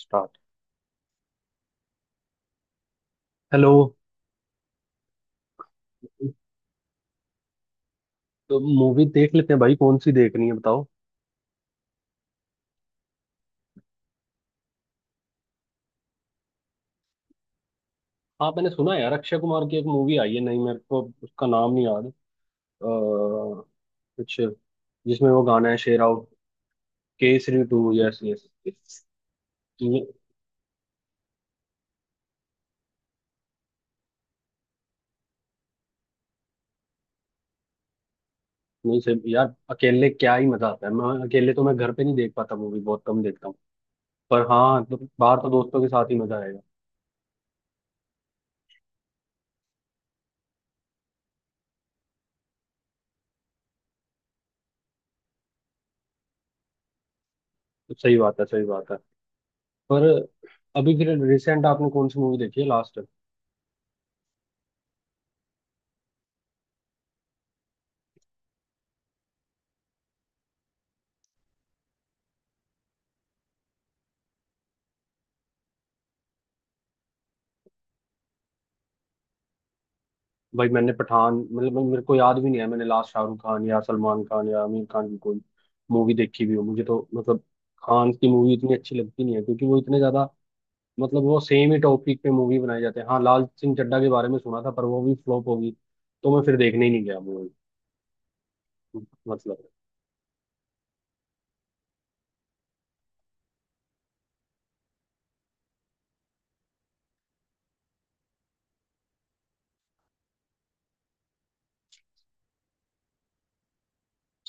Start. Hello. तो movie देख लेते हैं भाई, कौन सी देखनी है बताओ। हाँ, मैंने सुना है यार, अक्षय कुमार की एक मूवी आई है। नहीं, मेरे को उसका नाम नहीं याद। कुछ जिसमें वो गाना है शेराव। Kesari 2, yes yes. नहीं नहीं सर, यार अकेले क्या ही मजा आता है, मैं अकेले तो मैं घर पे नहीं देख पाता, मूवी बहुत कम देखता हूँ। पर हाँ, तो बाहर तो दोस्तों के साथ ही मजा आएगा। तो सही बात है, सही बात है। पर अभी फिर रिसेंट आपने कौन सी मूवी देखी है लास्ट? भाई, मैंने पठान, मतलब मेरे को याद भी नहीं है मैंने लास्ट शाहरुख खान या सलमान खान या आमिर खान की कोई मूवी देखी भी हो। मुझे तो मतलब खान की मूवी इतनी अच्छी लगती नहीं है, क्योंकि वो इतने ज्यादा मतलब वो सेम ही टॉपिक पे मूवी बनाए जाते हैं। हाँ, लाल सिंह चड्ढा के बारे में सुना था, पर वो भी फ्लॉप होगी तो मैं फिर देखने ही नहीं गया मूवी। मतलब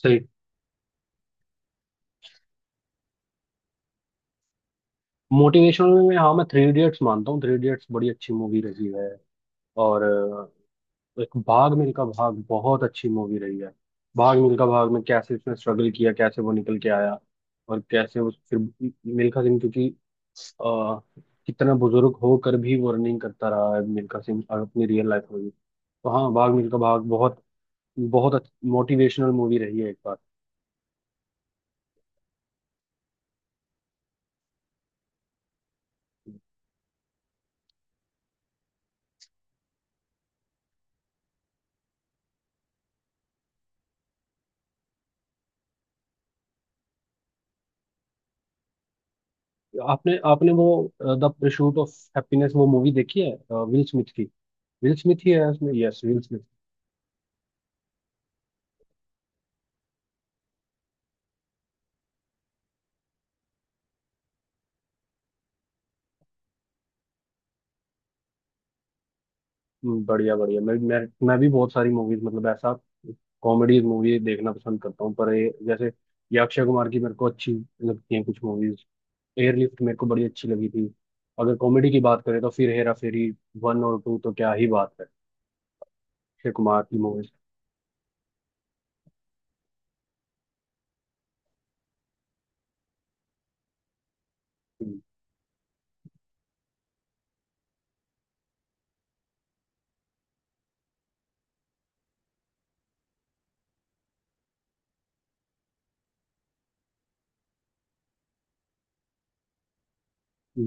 सही। मोटिवेशनल में हाँ, मैं 3 इडियट्स मानता हूँ, 3 इडियट्स बड़ी अच्छी मूवी रही है। और एक भाग मिल्खा भाग बहुत अच्छी मूवी रही है। भाग मिल्खा भाग में कैसे उसने स्ट्रगल किया, कैसे वो निकल के आया, और कैसे उस फिर मिल्खा सिंह, क्योंकि आ, कितना बुजुर्ग होकर भी वो रनिंग करता रहा है मिल्खा सिंह, और अपनी रियल लाइफ में भी। तो हाँ, भाग मिल्खा भाग बहुत बहुत मोटिवेशनल मूवी रही है एक बार। आपने आपने वो द परसूट ऑफ हैप्पीनेस वो मूवी देखी है, विल स्मिथ की? विल स्मिथ ही है उसमें, यस विल। बढ़िया बढ़िया। मैं भी बहुत सारी मूवीज, मतलब ऐसा कॉमेडी मूवी देखना पसंद करता हूँ। पर ये जैसे ये अक्षय कुमार की मेरे को अच्छी लगती हैं कुछ मूवीज। एयरलिफ्ट मेरे को बड़ी अच्छी लगी थी। अगर कॉमेडी की बात करें तो फिर हेरा फेरी 1 और 2 तो क्या ही बात है, अक्षय कुमार की मूवीज।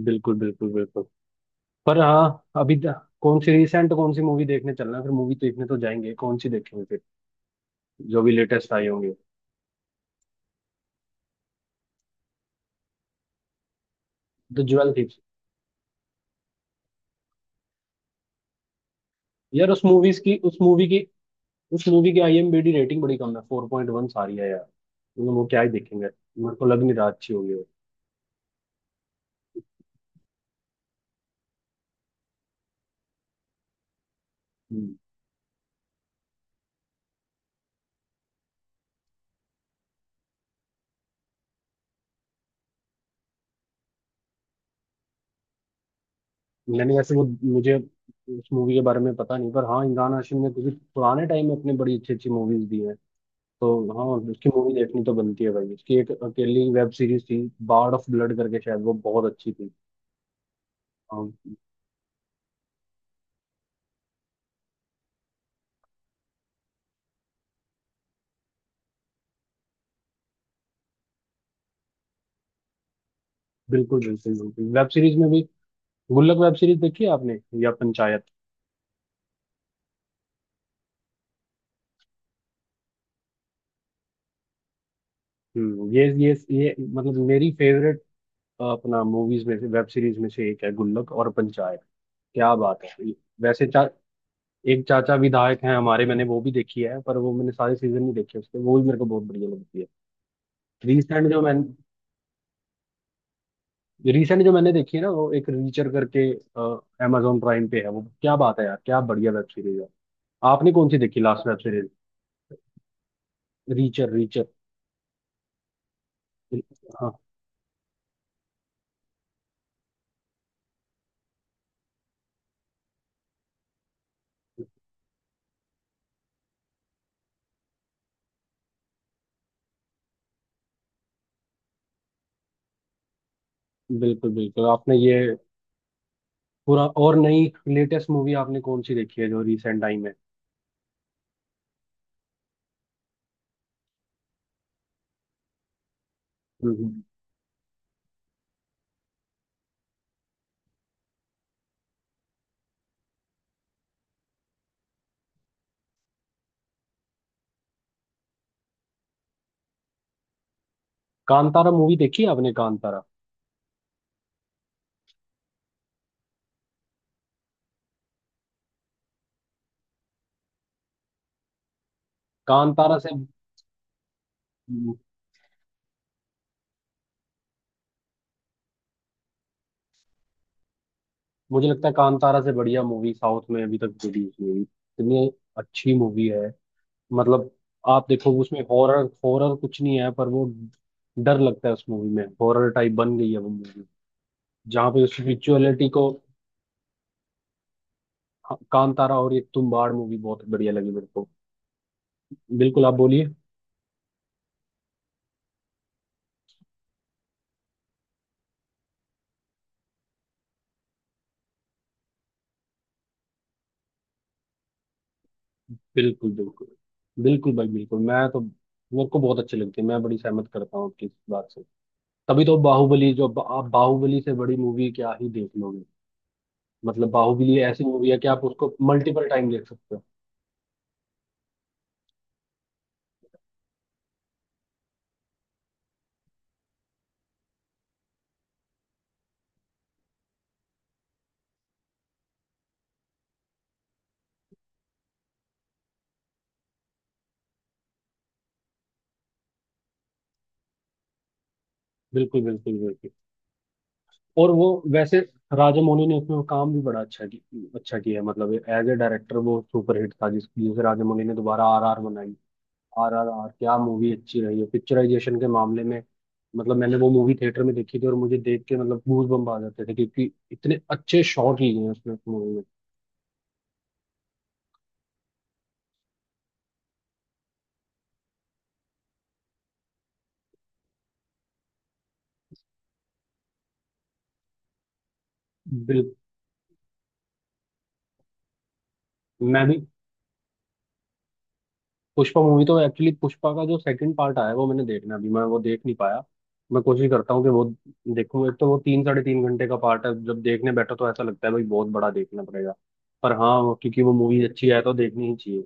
बिल्कुल बिल्कुल बिल्कुल। पर हाँ, अभी कौन सी मूवी देखने चलना है? फिर मूवी देखने तो जाएंगे, कौन सी देखेंगे फिर, जो भी लेटेस्ट आई होंगी। The jewel thieves. यार उस मूवी की आईएमबी रेटिंग बड़ी कम है, 4.1 सारी है यार। मतलब वो क्या ही देखेंगे, मेरे को लग नहीं रहा अच्छी होगी वो। हम्म। मैंने वैसे वो, मुझे उस मूवी के बारे में पता नहीं, पर हाँ, इमरान हाशमी ने क्योंकि पुराने टाइम में अपनी बड़ी अच्छी अच्छी मूवीज दी हैं तो। हाँ, उसकी मूवी देखनी तो बनती है भाई। उसकी एक अकेली वेब सीरीज थी, बार्ड ऑफ ब्लड करके, शायद वो बहुत अच्छी थी। हाँ। बिल्कुल बिल्कुल बिल्कुल। वेब सीरीज में भी गुल्लक वेब सीरीज देखी है आपने, या पंचायत? ये मतलब मेरी फेवरेट अपना मूवीज में से, वेब सीरीज में से एक है गुल्लक और पंचायत। क्या बात है। वैसे एक चाचा विधायक हैं हमारे, मैंने वो भी देखी है। पर वो मैंने सारे सीजन नहीं देखे उसके, वो भी मेरे को बहुत बढ़िया लगती है। रिसेंट जो मैंने रिसेंट जो मैंने देखी है ना, वो एक रीचर करके, अमेजोन प्राइम पे है वो। क्या बात है यार, क्या बढ़िया वेब सीरीज है। आपने कौन सी देखी last web series? Reacher, Reacher. हाँ। बिल्कुल बिल्कुल, आपने ये पूरा और नई लेटेस्ट मूवी आपने कौन सी देखी है जो रिसेंट टाइम में? कांतारा मूवी देखी है आपने, कांतारा? कांतारा से, मुझे लगता है कांतारा से बढ़िया मूवी साउथ में अभी तक रिलीज हुई है। इतनी अच्छी मूवी है। मतलब आप देखो, उसमें हॉरर, हॉरर कुछ नहीं है, पर वो डर लगता है उस मूवी में, हॉरर टाइप बन गई है वो मूवी, जहाँ पे उस विजुअलिटी को। हाँ, कांतारा और ये तुम बाड़ मूवी बहुत बढ़िया लगी मेरे को। बिल्कुल, आप बोलिए। बिल्कुल बिल्कुल बिल्कुल भाई बिल्कुल, मैं तो मेरे को बहुत अच्छी लगती है। मैं बड़ी सहमत करता हूँ आपकी इस बात से। तभी तो बाहुबली, जो आप बाहुबली से बड़ी मूवी क्या ही देख लोगे। मतलब बाहुबली ऐसी मूवी है कि आप उसको मल्टीपल टाइम देख सकते हो। बिल्कुल बिल्कुल बिल्कुल। और वो वैसे राजामौली ने उसमें काम भी बड़ा अच्छा अच्छा किया है, मतलब एज ए डायरेक्टर वो सुपरहिट था, जिसे राजामौली ने दोबारा आरआर बनाई। आरआरआर क्या मूवी अच्छी रही है पिक्चराइजेशन के मामले में। मतलब मैंने वो मूवी थिएटर में देखी थी और मुझे देख के, मतलब गूज बम्प आ जाते थे, क्योंकि इतने अच्छे शॉट लिए हैं उसमें, मूवी में। बिल्कुल। मैं भी पुष्पा मूवी तो, एक्चुअली पुष्पा का जो सेकंड पार्ट आया है वो मैंने देखना है, अभी मैं वो देख नहीं पाया। मैं कोशिश करता हूँ कि वो देखूँ। एक तो वो 3 साढ़े 3 घंटे का पार्ट है, जब देखने बैठो तो ऐसा लगता है भाई बहुत बड़ा देखना पड़ेगा। पर हाँ, क्योंकि वो मूवी अच्छी है तो देखनी ही चाहिए।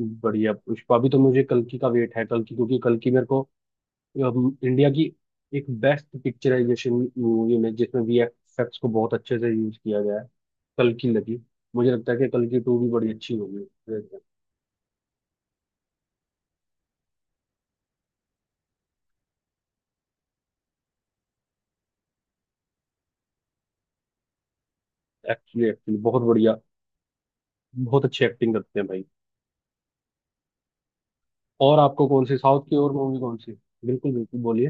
बढ़िया, पुष्पा भी। तो मुझे कल्कि का वेट है, कल्कि क्योंकि कल्कि मेरे को इंडिया की एक बेस्ट पिक्चराइजेशन मूवी में, जिसमें वीएफएक्स को बहुत अच्छे से यूज किया गया है, कल्कि लगी। मुझे लगता है कि कल्कि 2 भी बड़ी अच्छी होगी। एक्चुअली एक्चुअली बहुत बढ़िया, बहुत अच्छी एक्टिंग करते हैं भाई। और आपको कौन सी साउथ की, और मूवी कौन सी? बिल्कुल बिल्कुल, बोलिए।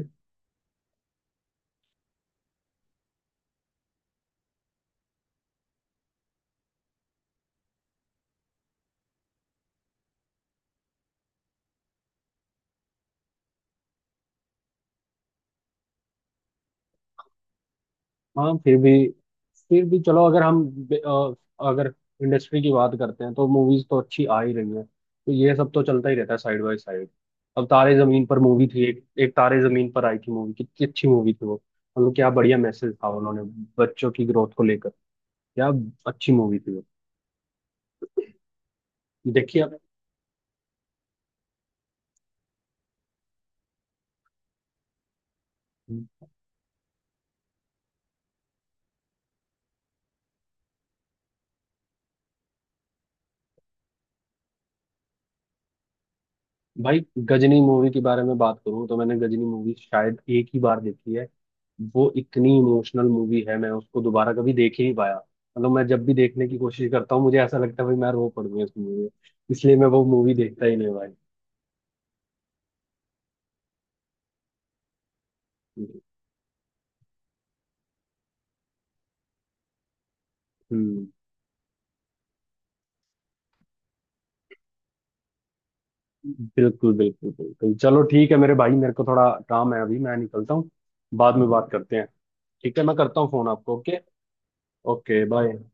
हाँ, फिर भी, फिर भी चलो। अगर हम बे- अ, अगर इंडस्ट्री की बात करते हैं तो मूवीज तो अच्छी आ ही रही हैं, तो ये सब तो चलता ही रहता है साइड बाय साइड। अब तारे जमीन पर मूवी थी, एक एक तारे जमीन पर आई थी मूवी। कितनी अच्छी मूवी थी वो। मतलब क्या बढ़िया मैसेज था उन्होंने बच्चों की ग्रोथ को लेकर। क्या अच्छी मूवी थी वो। देखिए आप भाई, गजनी मूवी के बारे में बात करूं तो मैंने गजनी मूवी शायद एक ही बार देखी है। वो इतनी इमोशनल मूवी है, मैं उसको दोबारा कभी देख ही नहीं पाया। मतलब मैं जब भी देखने की कोशिश करता हूँ मुझे ऐसा लगता है भाई, मैं रो पड़ूंगा इस मूवी में। इसलिए मैं वो मूवी देखता ही नहीं भाई। हम्म बिल्कुल बिल्कुल बिल्कुल, चलो ठीक है मेरे भाई, मेरे को थोड़ा काम है अभी, मैं निकलता हूँ। बाद में बात करते हैं। ठीक है, मैं करता हूँ फोन आपको। ओके। Okay bye.